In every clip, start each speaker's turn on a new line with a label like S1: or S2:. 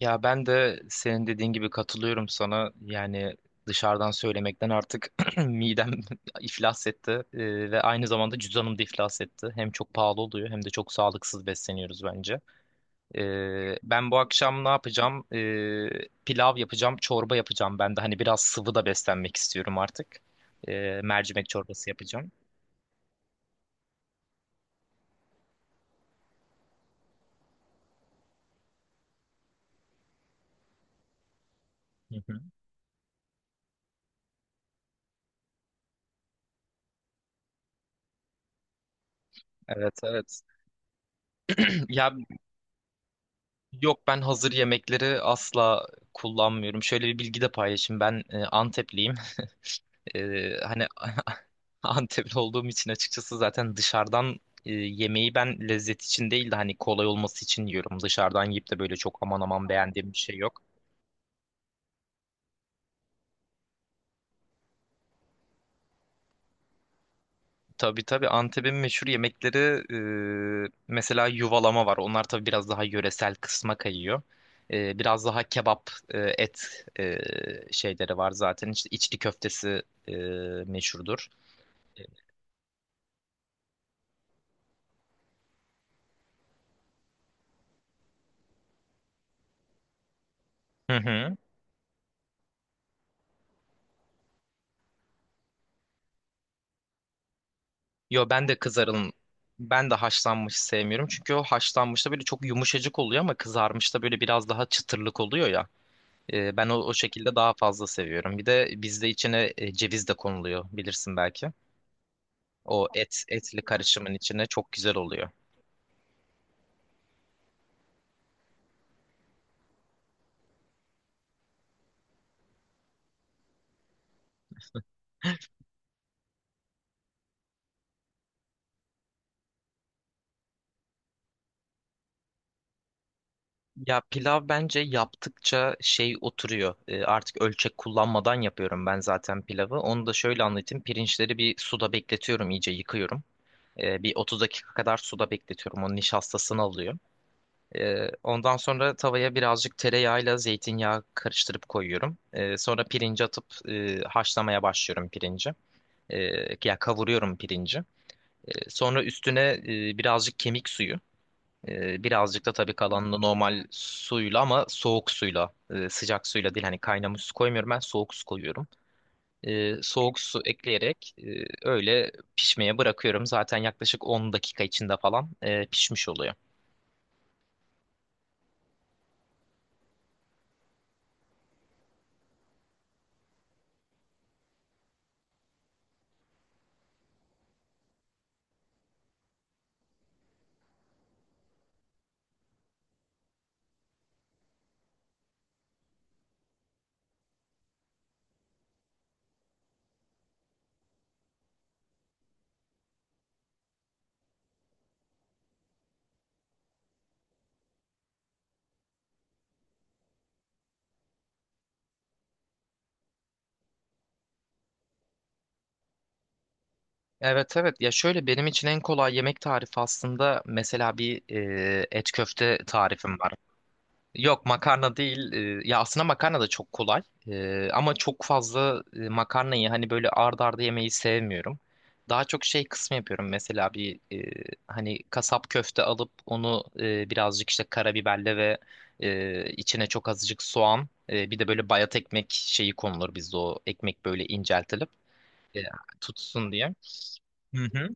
S1: Ya ben de senin dediğin gibi katılıyorum sana. Yani dışarıdan söylemekten artık midem iflas etti. Ve aynı zamanda cüzdanım da iflas etti. Hem çok pahalı oluyor hem de çok sağlıksız besleniyoruz bence. Ben bu akşam ne yapacağım? Pilav yapacağım, çorba yapacağım. Ben de hani biraz sıvı da beslenmek istiyorum artık. Mercimek çorbası yapacağım. Hı hı. Evet evet. Ya Yok, ben hazır yemekleri asla kullanmıyorum. Şöyle bir bilgi de paylaşayım. Ben Antepliyim. Hani Antepli olduğum için açıkçası zaten dışarıdan yemeği ben lezzet için değil de hani kolay olması için yiyorum. Dışarıdan yiyip de böyle çok aman aman beğendiğim bir şey yok. Tabii tabii, Antep'in meşhur yemekleri mesela yuvalama var. Onlar tabii biraz daha yöresel kısma kayıyor. Biraz daha kebap, et şeyleri var zaten. İşte içli köftesi meşhurdur. Hı hı. Yo, ben de haşlanmış sevmiyorum. Çünkü o haşlanmışta böyle çok yumuşacık oluyor ama kızarmışta böyle biraz daha çıtırlık oluyor ya. Ben o şekilde daha fazla seviyorum. Bir de bizde içine ceviz de konuluyor, bilirsin belki. O et etli karışımın içine çok güzel oluyor. Ya pilav bence yaptıkça şey oturuyor. Artık ölçek kullanmadan yapıyorum ben zaten pilavı. Onu da şöyle anlatayım. Pirinçleri bir suda bekletiyorum, iyice yıkıyorum. Bir 30 dakika kadar suda bekletiyorum. Onun nişastasını alıyor. Ondan sonra tavaya birazcık tereyağıyla zeytinyağı karıştırıp koyuyorum. Sonra pirinci atıp haşlamaya başlıyorum pirinci. Ee, Ya kavuruyorum pirinci. Sonra üstüne birazcık kemik suyu. Birazcık da tabii kalanını normal suyla ama soğuk suyla, sıcak suyla değil. Hani kaynamış su koymuyorum, ben soğuk su koyuyorum. Soğuk su ekleyerek öyle pişmeye bırakıyorum. Zaten yaklaşık 10 dakika içinde falan pişmiş oluyor. Evet evet. Ya şöyle, benim için en kolay yemek tarifi aslında mesela bir et köfte tarifim var. Yok, makarna değil. Ya aslında makarna da çok kolay. Ama çok fazla makarnayı hani böyle ard arda yemeyi sevmiyorum. Daha çok şey kısmı yapıyorum. Mesela bir hani kasap köfte alıp onu birazcık işte karabiberle ve içine çok azıcık soğan, bir de böyle bayat ekmek şeyi konulur bizde, o ekmek böyle inceltilip e, tutsun diye. Hı hı.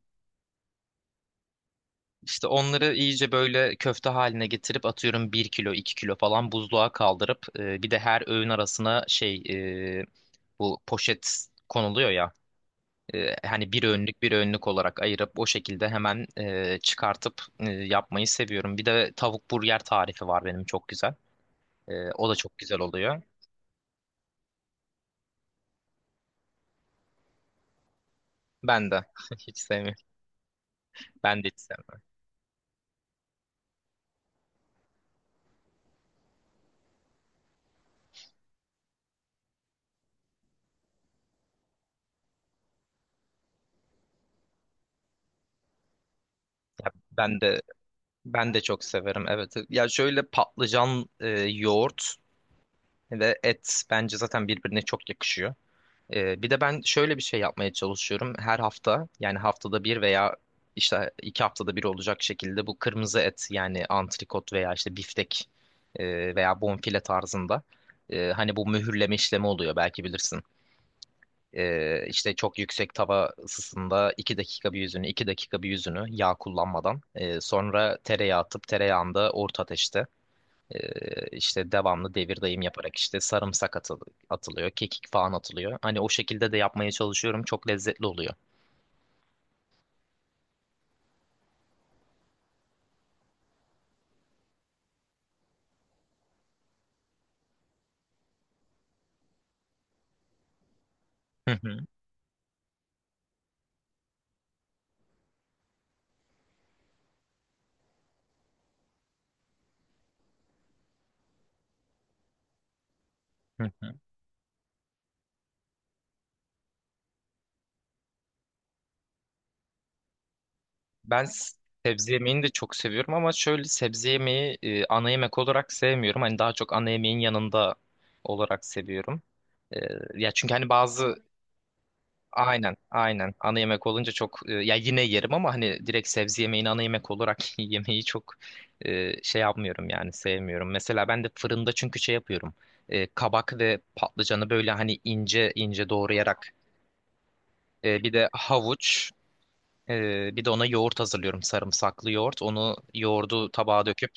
S1: İşte onları iyice böyle köfte haline getirip atıyorum, bir kilo 2 kilo falan buzluğa kaldırıp bir de her öğün arasına şey, e, bu poşet konuluyor ya, hani bir öğünlük olarak ayırıp o şekilde hemen çıkartıp yapmayı seviyorum. Bir de tavuk burger tarifi var benim, çok güzel. O da çok güzel oluyor. Ben de hiç sevmiyorum. Ben de hiç sevmem. Ya, ben de çok severim. Evet. Ya şöyle, patlıcan yoğurt ve et bence zaten birbirine çok yakışıyor. Bir de ben şöyle bir şey yapmaya çalışıyorum. Her hafta, yani haftada bir veya işte iki haftada bir olacak şekilde bu kırmızı et, yani antrikot veya işte biftek veya bonfile tarzında, hani bu mühürleme işlemi oluyor, belki bilirsin. İşte çok yüksek tava ısısında 2 dakika bir yüzünü 2 dakika bir yüzünü yağ kullanmadan, sonra tereyağı atıp tereyağında orta ateşte işte devamlı devir dayım yaparak işte sarımsak atılıyor, kekik falan atılıyor. Hani o şekilde de yapmaya çalışıyorum. Çok lezzetli oluyor. Hı hı, hı hı. Ben s- sebze yemeğini de çok seviyorum ama şöyle sebze yemeği ana yemek olarak sevmiyorum. Hani daha çok ana yemeğin yanında olarak seviyorum. Ee, Ya çünkü hani bazı... Aynen, aynen. Ana yemek olunca çok ya yine yerim ama hani direkt sebze yemeğini ana yemek olarak yemeyi çok şey yapmıyorum, yani sevmiyorum. Mesela ben de fırında çünkü şey yapıyorum. Kabak ve patlıcanı böyle hani ince ince doğrayarak, bir de havuç, bir de ona yoğurt hazırlıyorum, sarımsaklı yoğurt. Onu yoğurdu tabağa döküp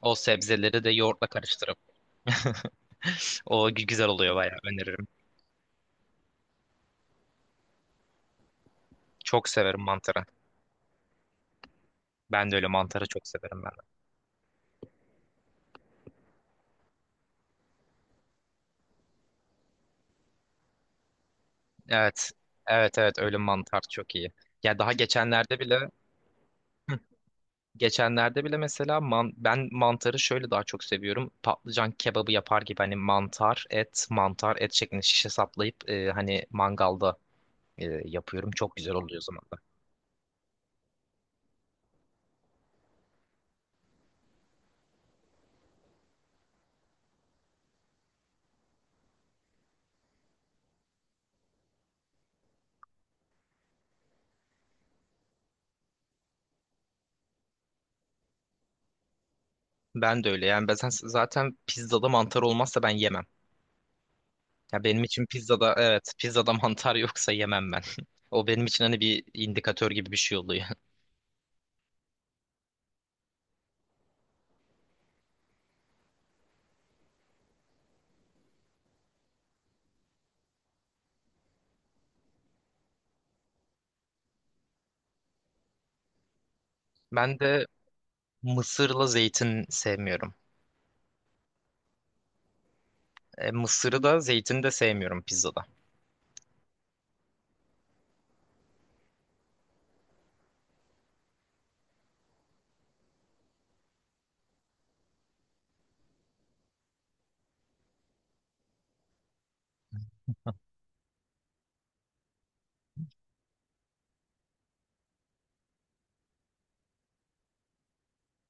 S1: o sebzeleri de yoğurtla karıştırıp o güzel oluyor, bayağı öneririm. Çok severim mantarı. Ben de öyle, mantarı çok severim. Evet. Evet evet, ölü mantar çok iyi. Ya daha geçenlerde bile... Hı. Geçenlerde bile mesela ben mantarı şöyle daha çok seviyorum. Patlıcan kebabı yapar gibi hani mantar, et, mantar, et şeklinde şişe saplayıp hani mangalda yapıyorum. Çok güzel oluyor o zaman da. Ben de öyle. Yani ben zaten pizzada mantar olmazsa ben yemem. Ya benim için pizzada, evet, pizzada mantar yoksa yemem ben. O benim için hani bir indikatör gibi bir şey oluyor. Ben de mısırla zeytin sevmiyorum. Mısırı da zeytini de sevmiyorum pizzada.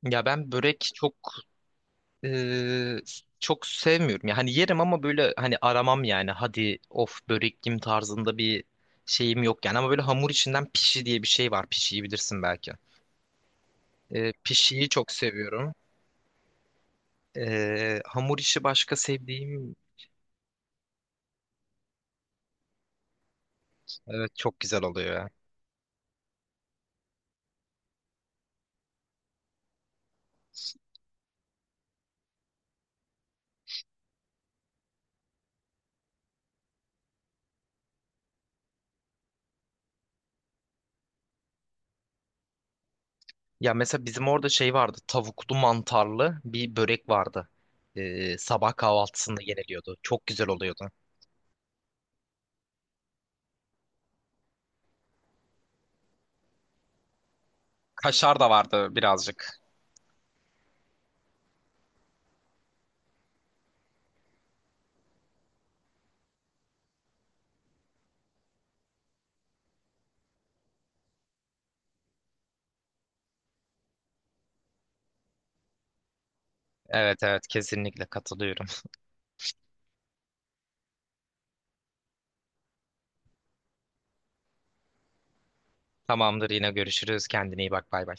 S1: Ya ben börek çok e, çok sevmiyorum. Yani yerim ama böyle hani aramam yani. Hadi of, börek yiyeyim tarzında bir şeyim yok yani. Ama böyle hamur içinden pişi diye bir şey var. Pişiyi bilirsin belki. Pişiyi çok seviyorum. Hamur işi başka sevdiğim... Evet, çok güzel oluyor ya. Ya mesela bizim orada şey vardı. Tavuklu mantarlı bir börek vardı. Sabah kahvaltısında yeniliyordu. Çok güzel oluyordu. Kaşar da vardı birazcık. Evet evet, kesinlikle katılıyorum. Tamamdır, yine görüşürüz. Kendine iyi bak, bay bay.